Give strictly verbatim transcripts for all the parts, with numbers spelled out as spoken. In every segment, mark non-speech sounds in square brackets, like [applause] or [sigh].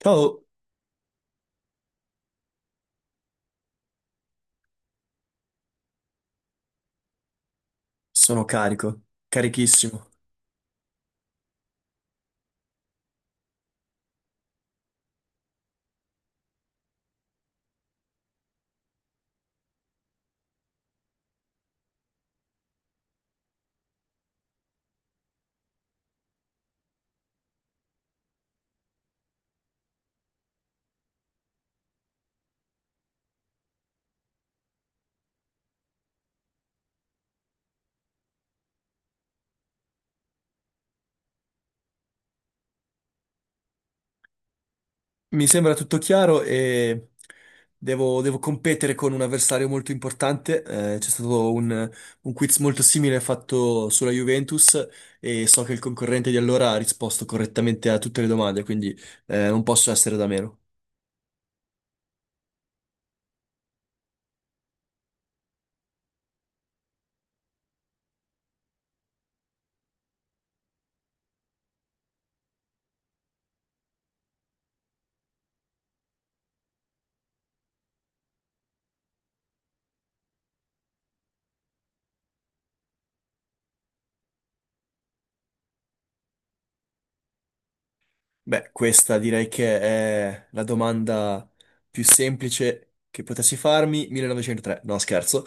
Ciao, sono carico, carichissimo. Mi sembra tutto chiaro e devo, devo competere con un avversario molto importante. Eh, c'è stato un, un quiz molto simile fatto sulla Juventus e so che il concorrente di allora ha risposto correttamente a tutte le domande, quindi eh, non posso essere da meno. Beh, questa direi che è la domanda più semplice che potessi farmi, millenovecentotré, no scherzo.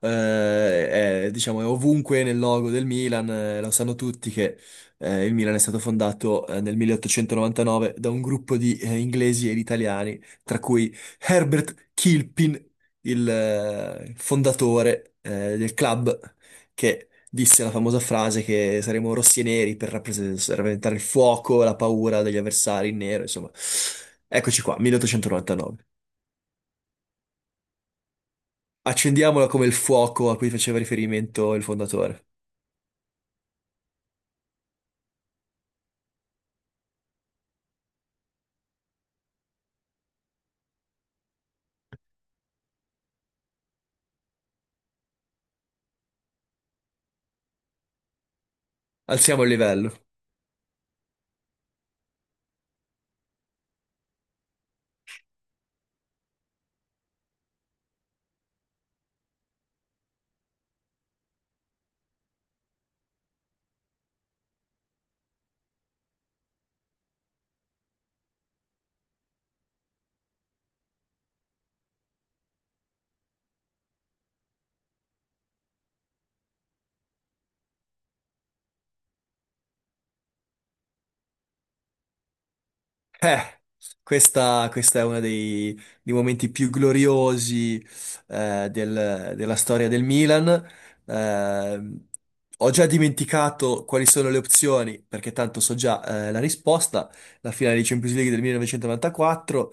Eh, è, diciamo, è ovunque nel logo del Milan, eh, lo sanno tutti che eh, il Milan è stato fondato eh, nel milleottocentonovantanove da un gruppo di eh, inglesi ed italiani, tra cui Herbert Kilpin, il eh, fondatore eh, del club, che disse la famosa frase che saremo rossi e neri per rapprese- rappresentare il fuoco, la paura degli avversari in nero, insomma. Eccoci qua, milleottocentonovantanove. Accendiamola come il fuoco a cui faceva riferimento il fondatore. Alziamo il livello. Eh, questa, questa è uno dei, dei momenti più gloriosi eh, del- della storia del Milan. Eh, Ho già dimenticato quali sono le opzioni, perché tanto so già eh, la risposta. La finale di Champions League del millenovecentonovantaquattro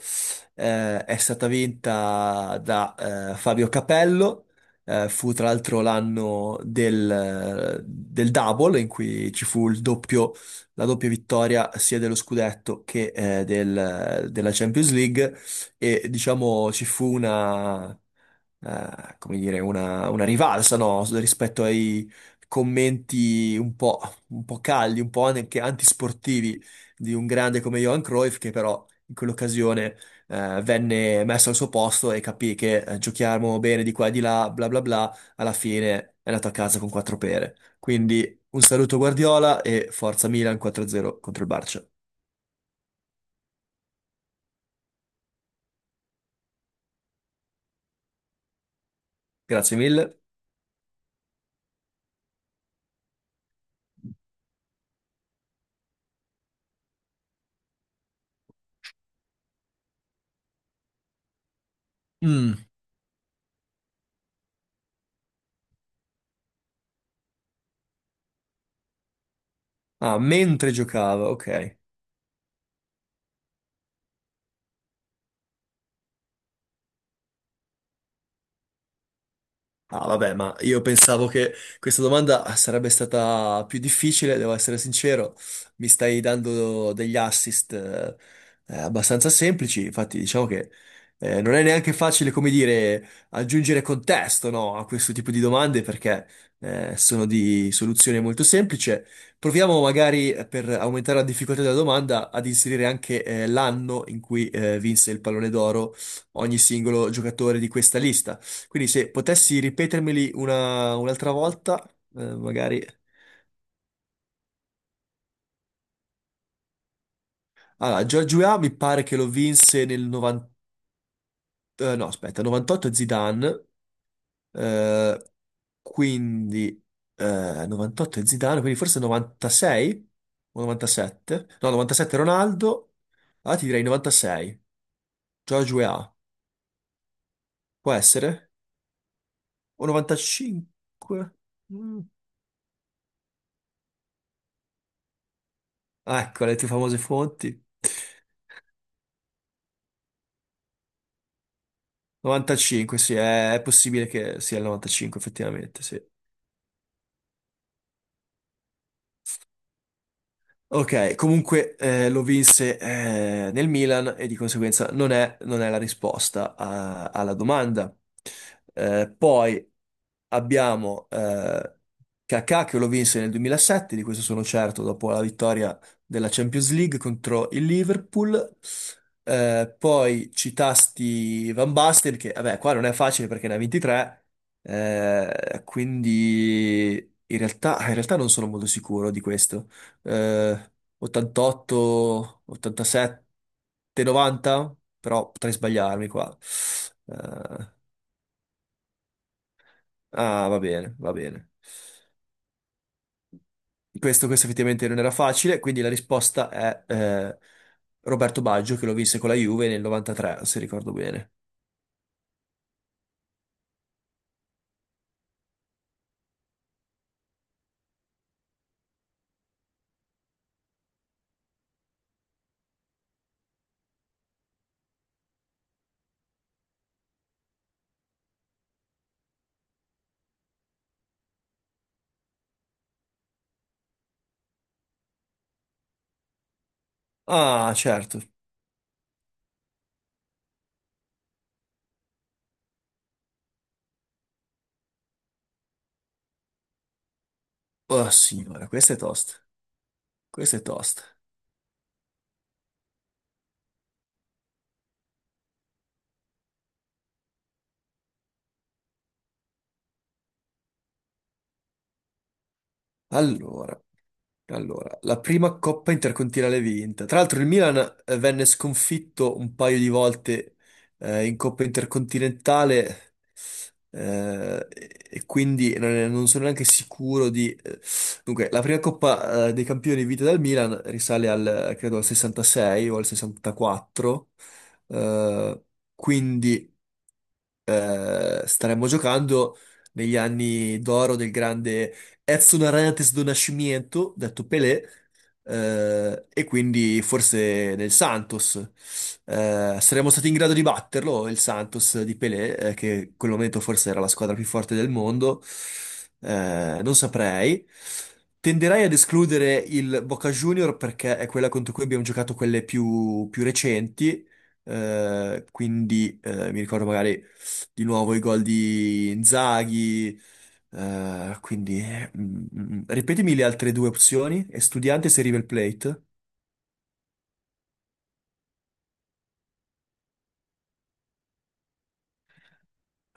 eh, è stata vinta da eh, Fabio Capello. Eh, fu tra l'altro l'anno del, del double, in cui ci fu il doppio la doppia vittoria sia dello scudetto che eh, del- della Champions League e diciamo ci fu una, eh, come dire, una, una rivalsa, no, rispetto ai commenti un po', un po' caldi, un po' anche antisportivi di un grande come Johan Cruyff che però in quell'occasione eh, venne messo al suo posto e capì che eh, giochiamo bene di qua e di là, bla bla bla, alla fine è andato a casa con quattro pere. Quindi un saluto Guardiola e forza Milan quattro a zero contro il Barça. Grazie mille. Mm. Ah, mentre giocava, ok. Ah, vabbè, ma io pensavo che questa domanda sarebbe stata più difficile, devo essere sincero. Mi stai dando degli assist eh, eh, abbastanza semplici, infatti diciamo che eh, non è neanche facile, come dire, aggiungere contesto, no, a questo tipo di domande perché eh, sono di soluzione molto semplice. Proviamo magari, eh, per aumentare la difficoltà della domanda, ad inserire anche eh, l'anno in cui eh, vinse il pallone d'oro ogni singolo giocatore di questa lista. Quindi se potessi ripetermeli una- un'altra volta, eh, magari... Allora, George Weah mi pare che lo vinse nel novanta... eh, no, aspetta, novantotto Zidane, eh, quindi... eh, novantotto è Zidane, quindi forse novantasei o novantasette? No, novantasette Ronaldo, allora ti direi novantasei. George Weah, può essere? O novantacinque? Mm. Ah, ecco, le tue famose fonti. novantacinque, sì, è, è possibile che sia il novantacinque, effettivamente, sì. Ok, comunque eh, lo vinse eh, nel Milan e di conseguenza non è, non è la risposta a- alla domanda. Eh, poi abbiamo eh, Kakà che lo vinse nel duemilasette, di questo sono certo, dopo la vittoria della Champions League contro il Liverpool. Eh, poi citasti Van Basten, che vabbè, qua non è facile perché ne ha ventitré, eh, quindi in realtà in realtà non sono molto sicuro di questo. eh, ottantotto, ottantasette, novanta, però potrei sbagliarmi qua. Eh, ah, va bene, va bene. Questo, questo effettivamente non era facile, quindi la risposta è eh, Roberto Baggio che lo vinse con la Juve nel novantatré, se ricordo bene. Ah, certo. Oh, signora, questa è tosta. Questa è tosta. Allora, allora, la prima Coppa Intercontinentale vinta. Tra l'altro il Milan eh, venne sconfitto un paio di volte eh, in Coppa Intercontinentale, eh, e e quindi non, è- non sono neanche sicuro di... eh. Dunque, la prima Coppa eh, dei Campioni vinta dal Milan risale al, eh, credo, al sessantasei o al sessantaquattro, eh, quindi eh, staremmo giocando negli anni d'oro del grande Edson Arantes do Nascimento, detto Pelé. Eh, e quindi forse nel Santos. Eh, saremmo stati in grado di batterlo, il Santos di Pelé, eh, che in quel momento forse era la squadra più forte del mondo. Eh, non saprei. Tenderei ad escludere il Boca Junior perché è quella contro cui abbiamo giocato quelle più, più recenti. Eh, quindi eh, mi ricordo magari di nuovo i gol di Inzaghi, eh, quindi eh, mm, mm, ripetimi le altre due opzioni, Estudiantes e River Plate.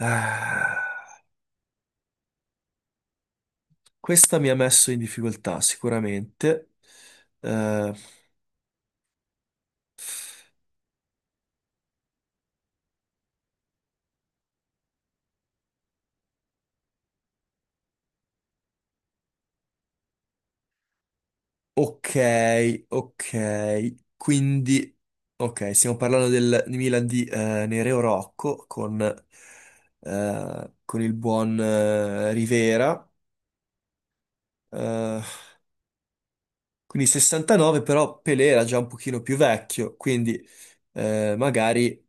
Ah, questa mi ha messo in difficoltà sicuramente. Eh, ok, ok, quindi ok, stiamo parlando del Milan di eh, Nereo Rocco con, eh, con il buon eh, Rivera. Eh, Quindi sessantanove, però Pelé era già un pochino più vecchio, quindi eh, magari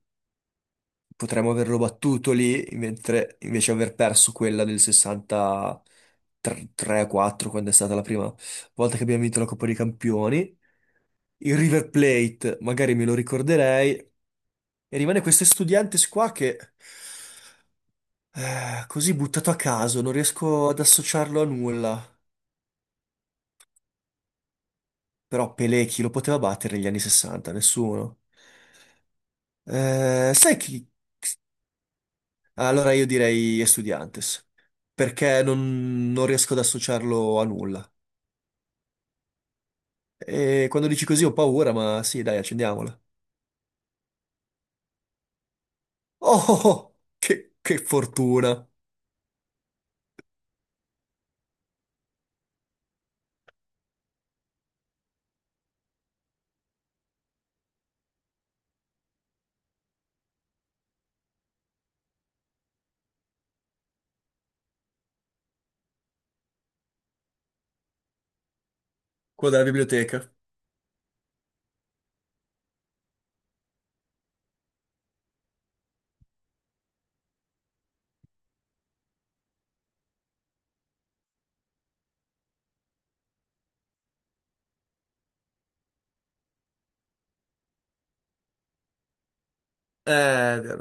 potremmo averlo battuto lì, mentre invece aver perso quella del sessantatré quattro, quando è stata la prima volta che abbiamo vinto la Coppa dei Campioni. Il River Plate, magari me lo ricorderei. E rimane questo Estudiantes qua che, eh, così buttato a caso, non riesco ad associarlo a nulla. Però Pelé chi lo poteva battere negli anni sessanta? Nessuno. Eh, sai chi? Allora io direi Estudiantes, perché non, non riesco ad associarlo a nulla. E quando dici così ho paura, ma sì, dai, accendiamola. [laughs] Oh, oh, oh, che, che fortuna! Quella della biblioteca. Eh,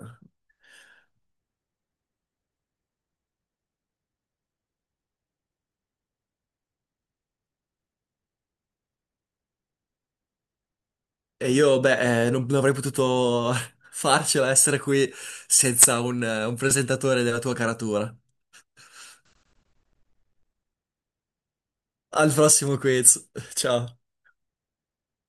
e io, beh, eh, non, non avrei potuto [laughs] farcela essere qui senza un, eh, un presentatore della tua caratura. Al prossimo quiz. Ciao.